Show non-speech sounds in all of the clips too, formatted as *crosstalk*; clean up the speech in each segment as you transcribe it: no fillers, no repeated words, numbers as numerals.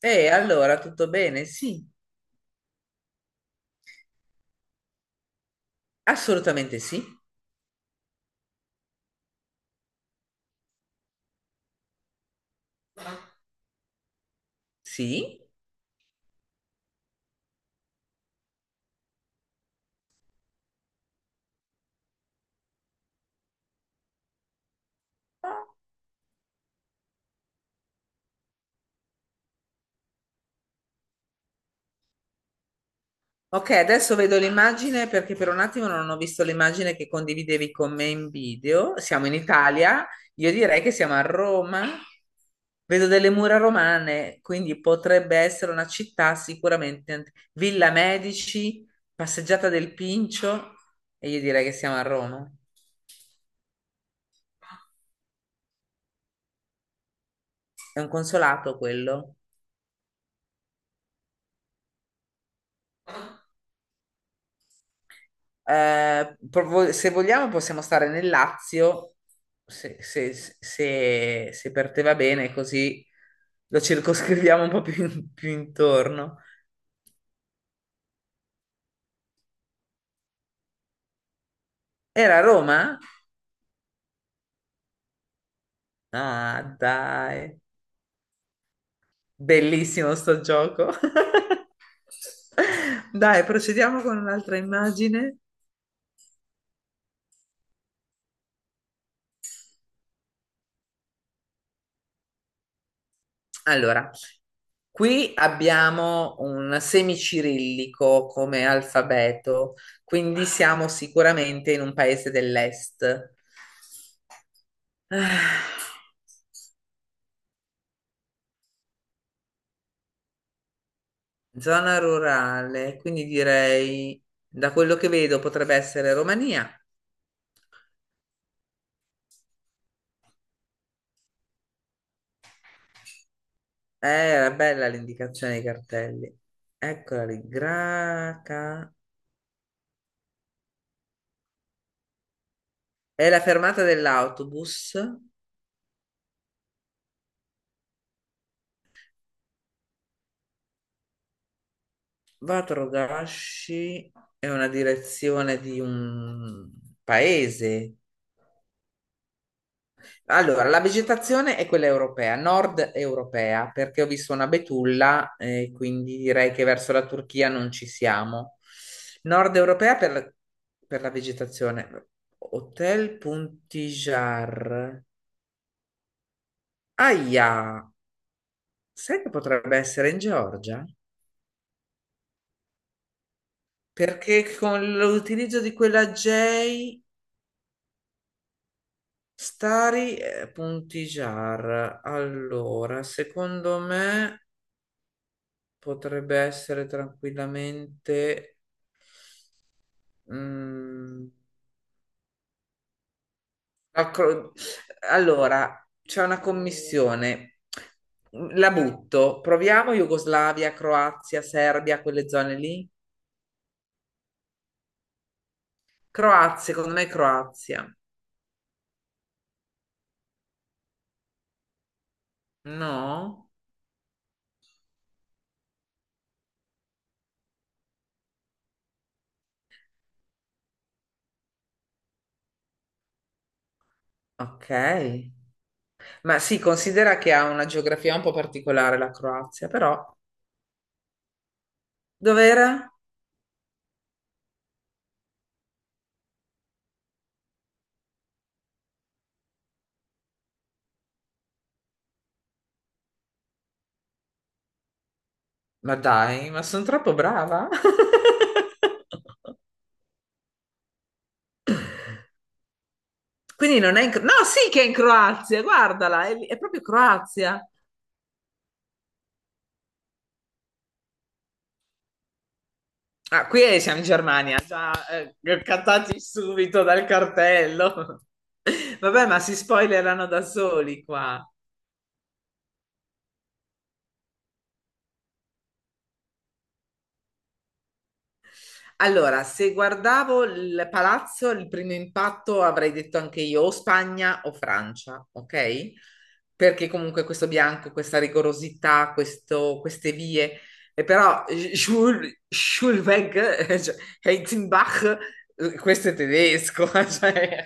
E allora, tutto bene? Sì, assolutamente sì. Sì. Ok, adesso vedo l'immagine perché per un attimo non ho visto l'immagine che condividevi con me in video. Siamo in Italia, io direi che siamo a Roma. Vedo delle mura romane, quindi potrebbe essere una città sicuramente. Villa Medici, passeggiata del Pincio, e io direi che siamo a Roma. È un consolato quello. Se vogliamo possiamo stare nel Lazio, se, se- se per te va bene, così lo circoscriviamo un po' più, più intorno. Era a Roma? Ah, dai, bellissimo sto gioco. *laughs* Dai, procediamo con un'altra immagine. Allora, qui abbiamo un semicirillico come alfabeto, quindi siamo sicuramente in un paese dell'est. Ah, Zona rurale, quindi direi, da quello che vedo, potrebbe essere Romania. Era bella l'indicazione dei cartelli. Eccola lì, Graca. È la fermata dell'autobus. Vatrogashi è una direzione di un paese. Allora, la vegetazione è quella europea, nord europea, perché ho visto una betulla, quindi direi che verso la Turchia non ci siamo. Nord europea per la vegetazione. Hotel Puntijar. Aia, sai che potrebbe essere in Georgia? Perché con l'utilizzo di quella J Stari punti jar. Allora, secondo me potrebbe essere tranquillamente. mm, la cro- allora, c'è una commissione. La butto. Proviamo Jugoslavia, Croazia, Serbia, quelle zone lì. Croazia, secondo me è Croazia. No? Ok. Ma si considera che ha una geografia un po' particolare la Croazia, però. Dov'era? Ma dai, ma sono troppo brava? *laughs* Quindi non è in... No, sì che è in Croazia, guardala, è, è proprio Croazia. Ah, siamo in Germania, già cattati subito dal cartello. *laughs* Vabbè, ma si spoilerano da soli qua. Allora, se guardavo il palazzo, il primo impatto avrei detto anche io o Spagna o Francia, ok? Perché comunque questo bianco, questa rigorosità, queste vie, e però Jules, Jules Weg, cioè, Heizenbach, questo è tedesco, *laughs* cioè.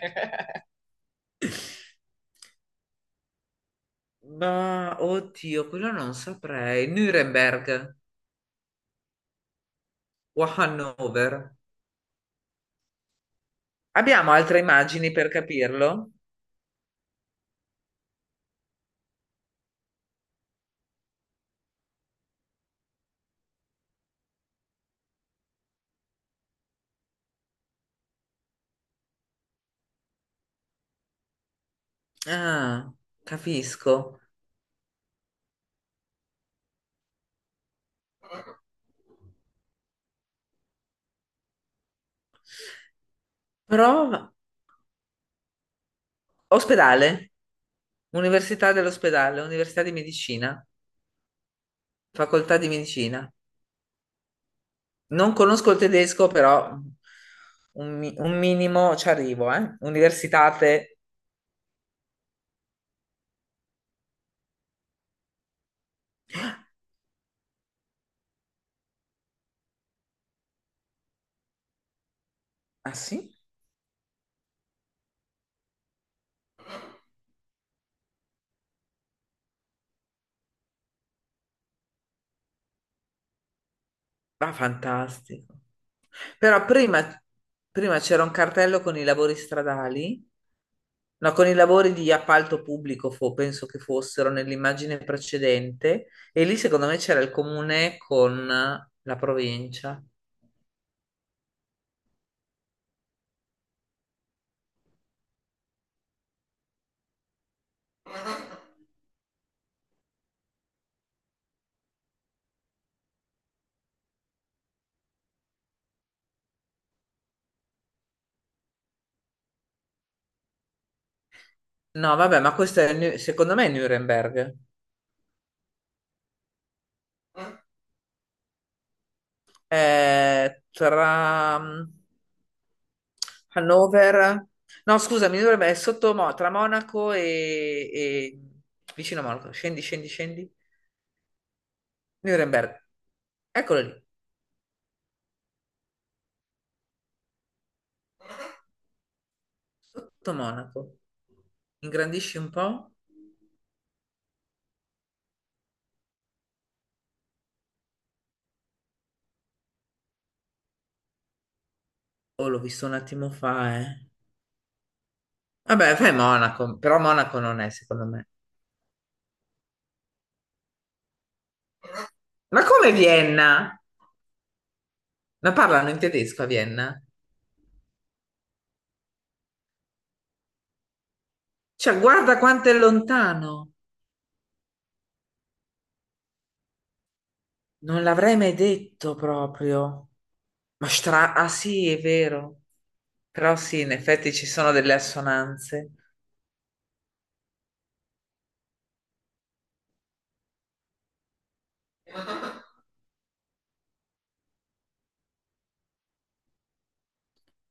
Ma oddio, quello non saprei. Nuremberg o Hannover. Abbiamo altre immagini per capirlo? Ah, capisco. Prova. Ospedale, Università dell'ospedale, Università di Medicina, Facoltà di Medicina. Non conosco il tedesco, però un, un minimo ci arrivo, eh. Universitate. Ah sì? Ah, fantastico. Però prima, prima c'era un cartello con i lavori stradali, no, con i lavori di appalto pubblico, penso che fossero nell'immagine precedente, e lì secondo me c'era il comune con la provincia. No, vabbè, ma questo è, secondo me è Nuremberg. È tra Hannover, no, scusami, dovrebbe essere sotto tra Monaco vicino a Monaco. Scendi, scendi, scendi. Nuremberg. Eccolo lì, sotto Monaco. Ingrandisci un po'? Oh, l'ho visto un attimo fa, eh. Vabbè, fai Monaco, però Monaco non è, secondo me. Ma come Vienna? Ma parlano in tedesco a Vienna? Cioè, guarda quanto è lontano. Non l'avrei mai detto proprio. Ma stra... Ah sì, è vero. Però sì, in effetti ci sono delle assonanze.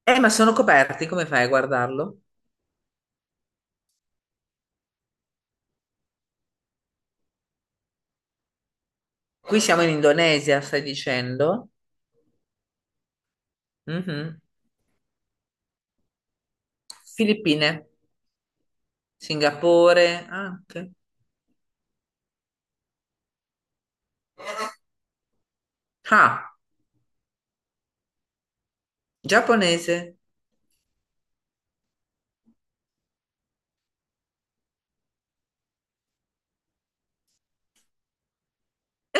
Ma sono coperti, come fai a guardarlo? Qui siamo in Indonesia, stai dicendo? Mhm. Filippine, Singapore, anche. Ah, giapponese.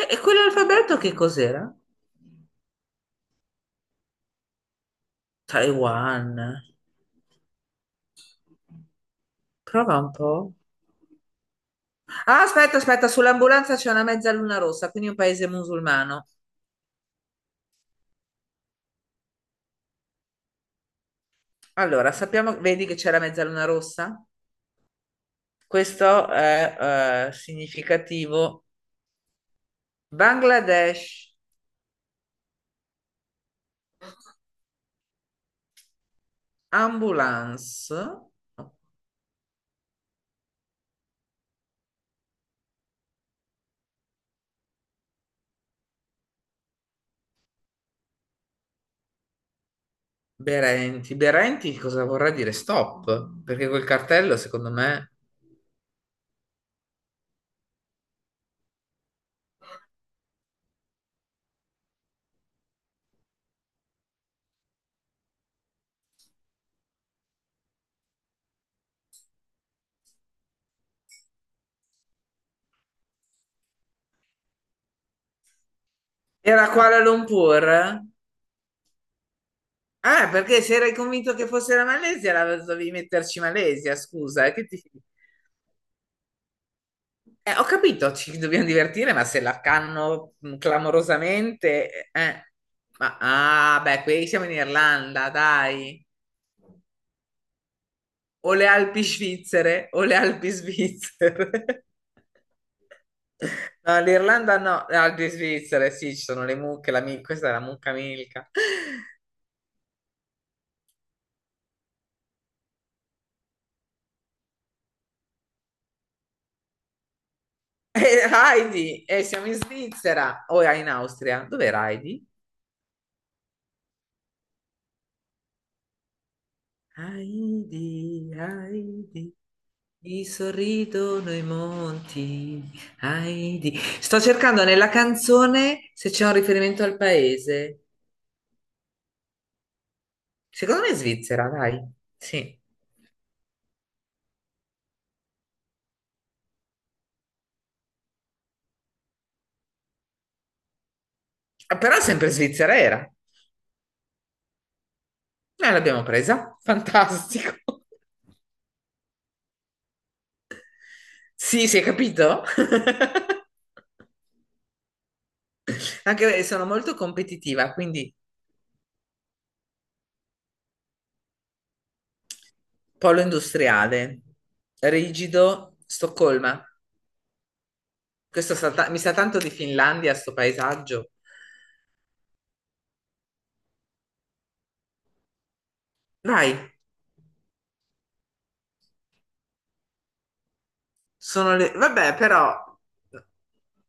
E quell'alfabeto che cos'era? Taiwan. Prova un po'. Ah, aspetta, aspetta, sull'ambulanza c'è una mezzaluna rossa, quindi un paese musulmano. Allora, sappiamo, vedi che c'è la mezzaluna rossa? Questo è significativo. Bangladesh, ambulance, Berenti. Berenti cosa vorrà dire? Stop, perché quel cartello secondo me era Kuala Lumpur. Ah, perché se eri convinto che fosse la Malesia, l'avevi dovevi metterci Malesia, scusa, che ti... ho capito, ci dobbiamo divertire, ma se l'arcano clamorosamente, eh. Ma ah, beh, qui siamo in Irlanda, dai. O le Alpi svizzere o le Alpi svizzere. *laughs* No, l'Irlanda no, le Alpi svizzere, sì, ci sono le mucche, questa è la mucca Milka. *laughs* E Heidi, e siamo in Svizzera o in Austria. Dov'era Heidi? Heidi, Heidi. Mi sorridono i monti, sto cercando nella canzone se c'è un riferimento al paese. Secondo me è Svizzera, dai. Sì. Ah, però sempre Svizzera era. Noi l'abbiamo presa. Fantastico. *laughs* Sì, si è capito? *laughs* Anche perché sono molto competitiva, quindi polo industriale, rigido, Stoccolma. Questo mi sa tanto di Finlandia, sto paesaggio. Vai. Sono le... Vabbè, però,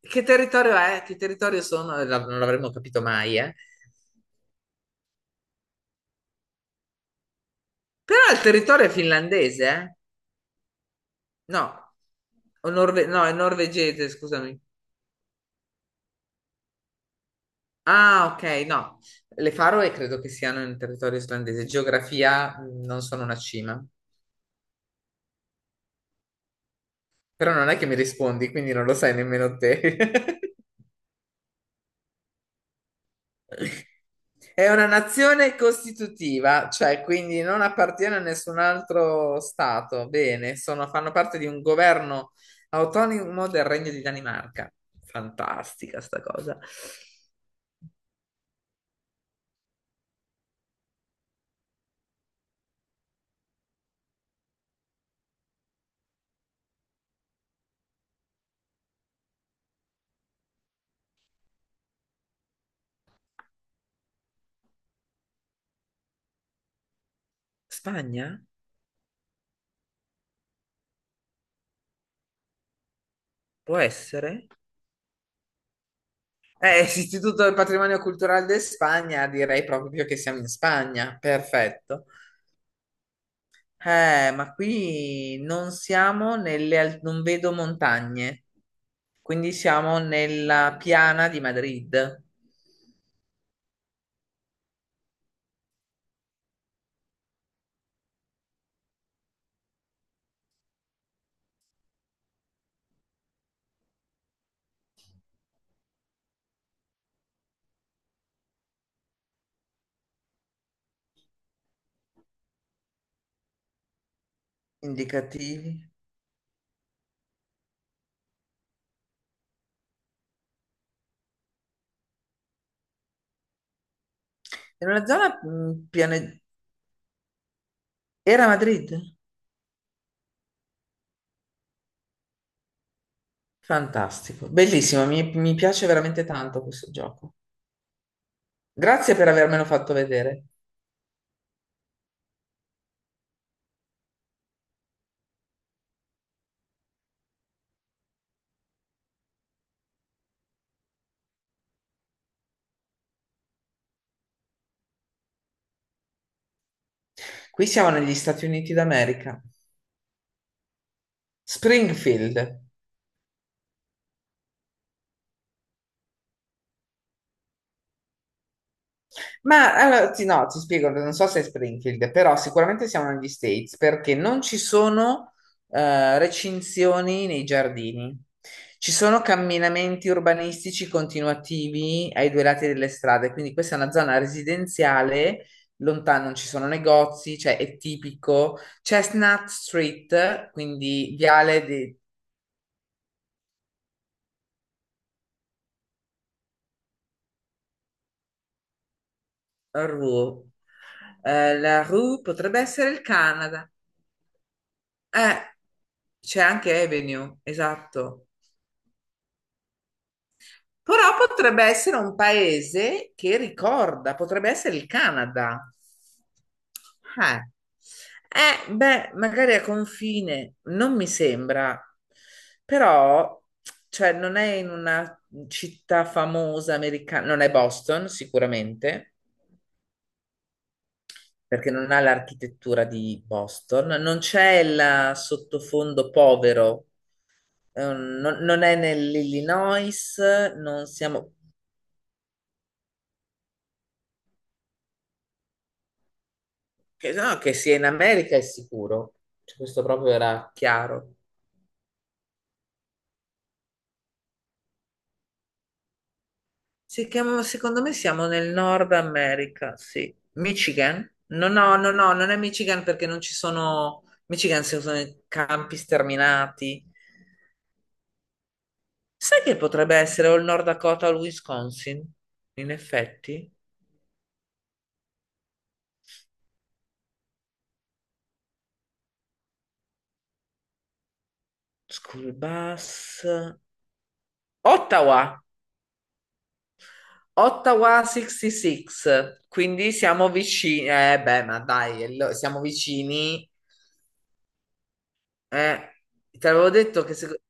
che territorio è? Che territorio sono? Non l'avremmo capito mai, eh. Però il territorio è finlandese, eh? No. No, è norvegese, scusami. Ah, ok, no. Le Faroe credo che siano in territorio islandese. Geografia, non sono una cima. Però non è che mi rispondi, quindi non lo sai nemmeno te. *laughs* È una nazione costitutiva, cioè quindi non appartiene a nessun altro stato. Bene, fanno parte di un governo autonomo del Regno di Danimarca. Fantastica sta cosa. Spagna? Può essere? Istituto del Patrimonio Culturale di Spagna, direi proprio che siamo in Spagna. Perfetto. Ma qui non siamo nelle, non vedo montagne, quindi siamo nella piana di Madrid. Indicativi. Era una zona piane... Era Madrid? Fantastico, bellissimo, mi piace veramente tanto questo gioco. Grazie per avermelo fatto vedere. Qui siamo negli Stati Uniti d'America. Springfield. Ma allora, ti, no, ti spiego, non so se è Springfield, però sicuramente siamo negli States perché non ci sono recinzioni nei giardini, ci sono camminamenti urbanistici continuativi ai due lati delle strade, quindi questa è una zona residenziale, lontano non ci sono negozi, cioè è tipico. Chestnut Street, quindi viale di Rue. La Rue potrebbe essere il Canada. Eh, c'è anche Avenue, esatto. Però potrebbe essere un paese che ricorda, potrebbe essere il Canada. Eh, Eh, beh, magari a confine, non mi sembra, però, cioè, non è in una città famosa americana, non è Boston sicuramente, perché non ha l'architettura di Boston, non c'è il sottofondo povero. Non non è nell'Illinois, non siamo... Che, no, che sia in America è sicuro. Cioè, questo proprio era chiaro. Secondo me siamo nel Nord America, sì. Michigan? No, no, no, no, non è Michigan perché non ci sono... Michigan si usano i campi sterminati. Sai che potrebbe essere o il Nord Dakota o il Wisconsin? In effetti. School bus. Ottawa! Ottawa 66, quindi siamo vicini. Beh, ma dai, siamo vicini. Eh, te l'avevo detto che, se-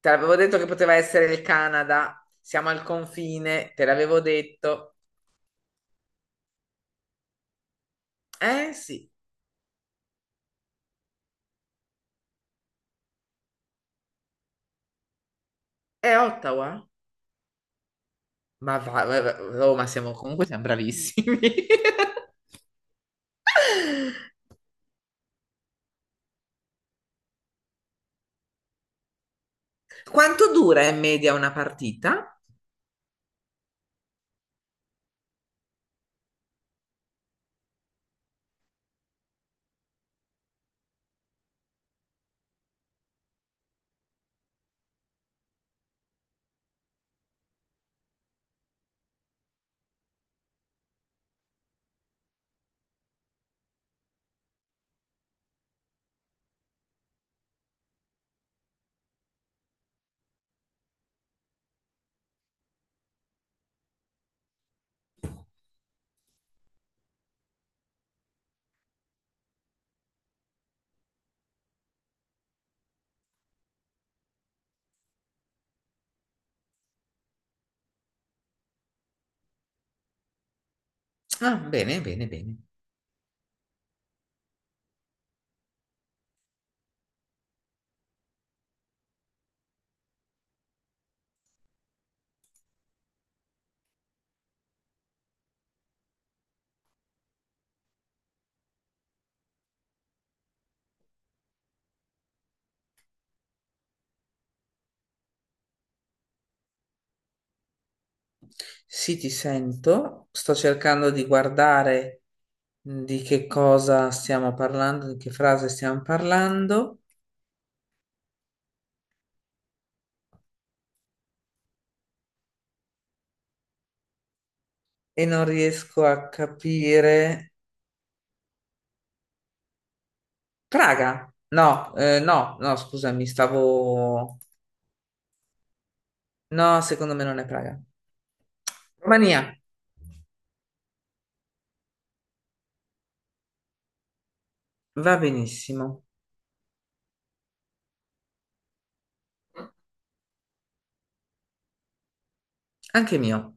Te l'avevo detto che poteva essere il Canada. Siamo al confine, te l'avevo detto. Eh sì, è Ottawa. Ma va, oh, ma siamo comunque siamo bravissimi. *laughs* Quanto dura in media una partita? Ah, bene, bene, bene. Sì, ti sento. Sto cercando di guardare di che cosa stiamo parlando, di che frase stiamo parlando e non riesco a capire. Praga? No, no, no, scusami, stavo... No, secondo me non è Praga. Romania, va benissimo. Anche mio.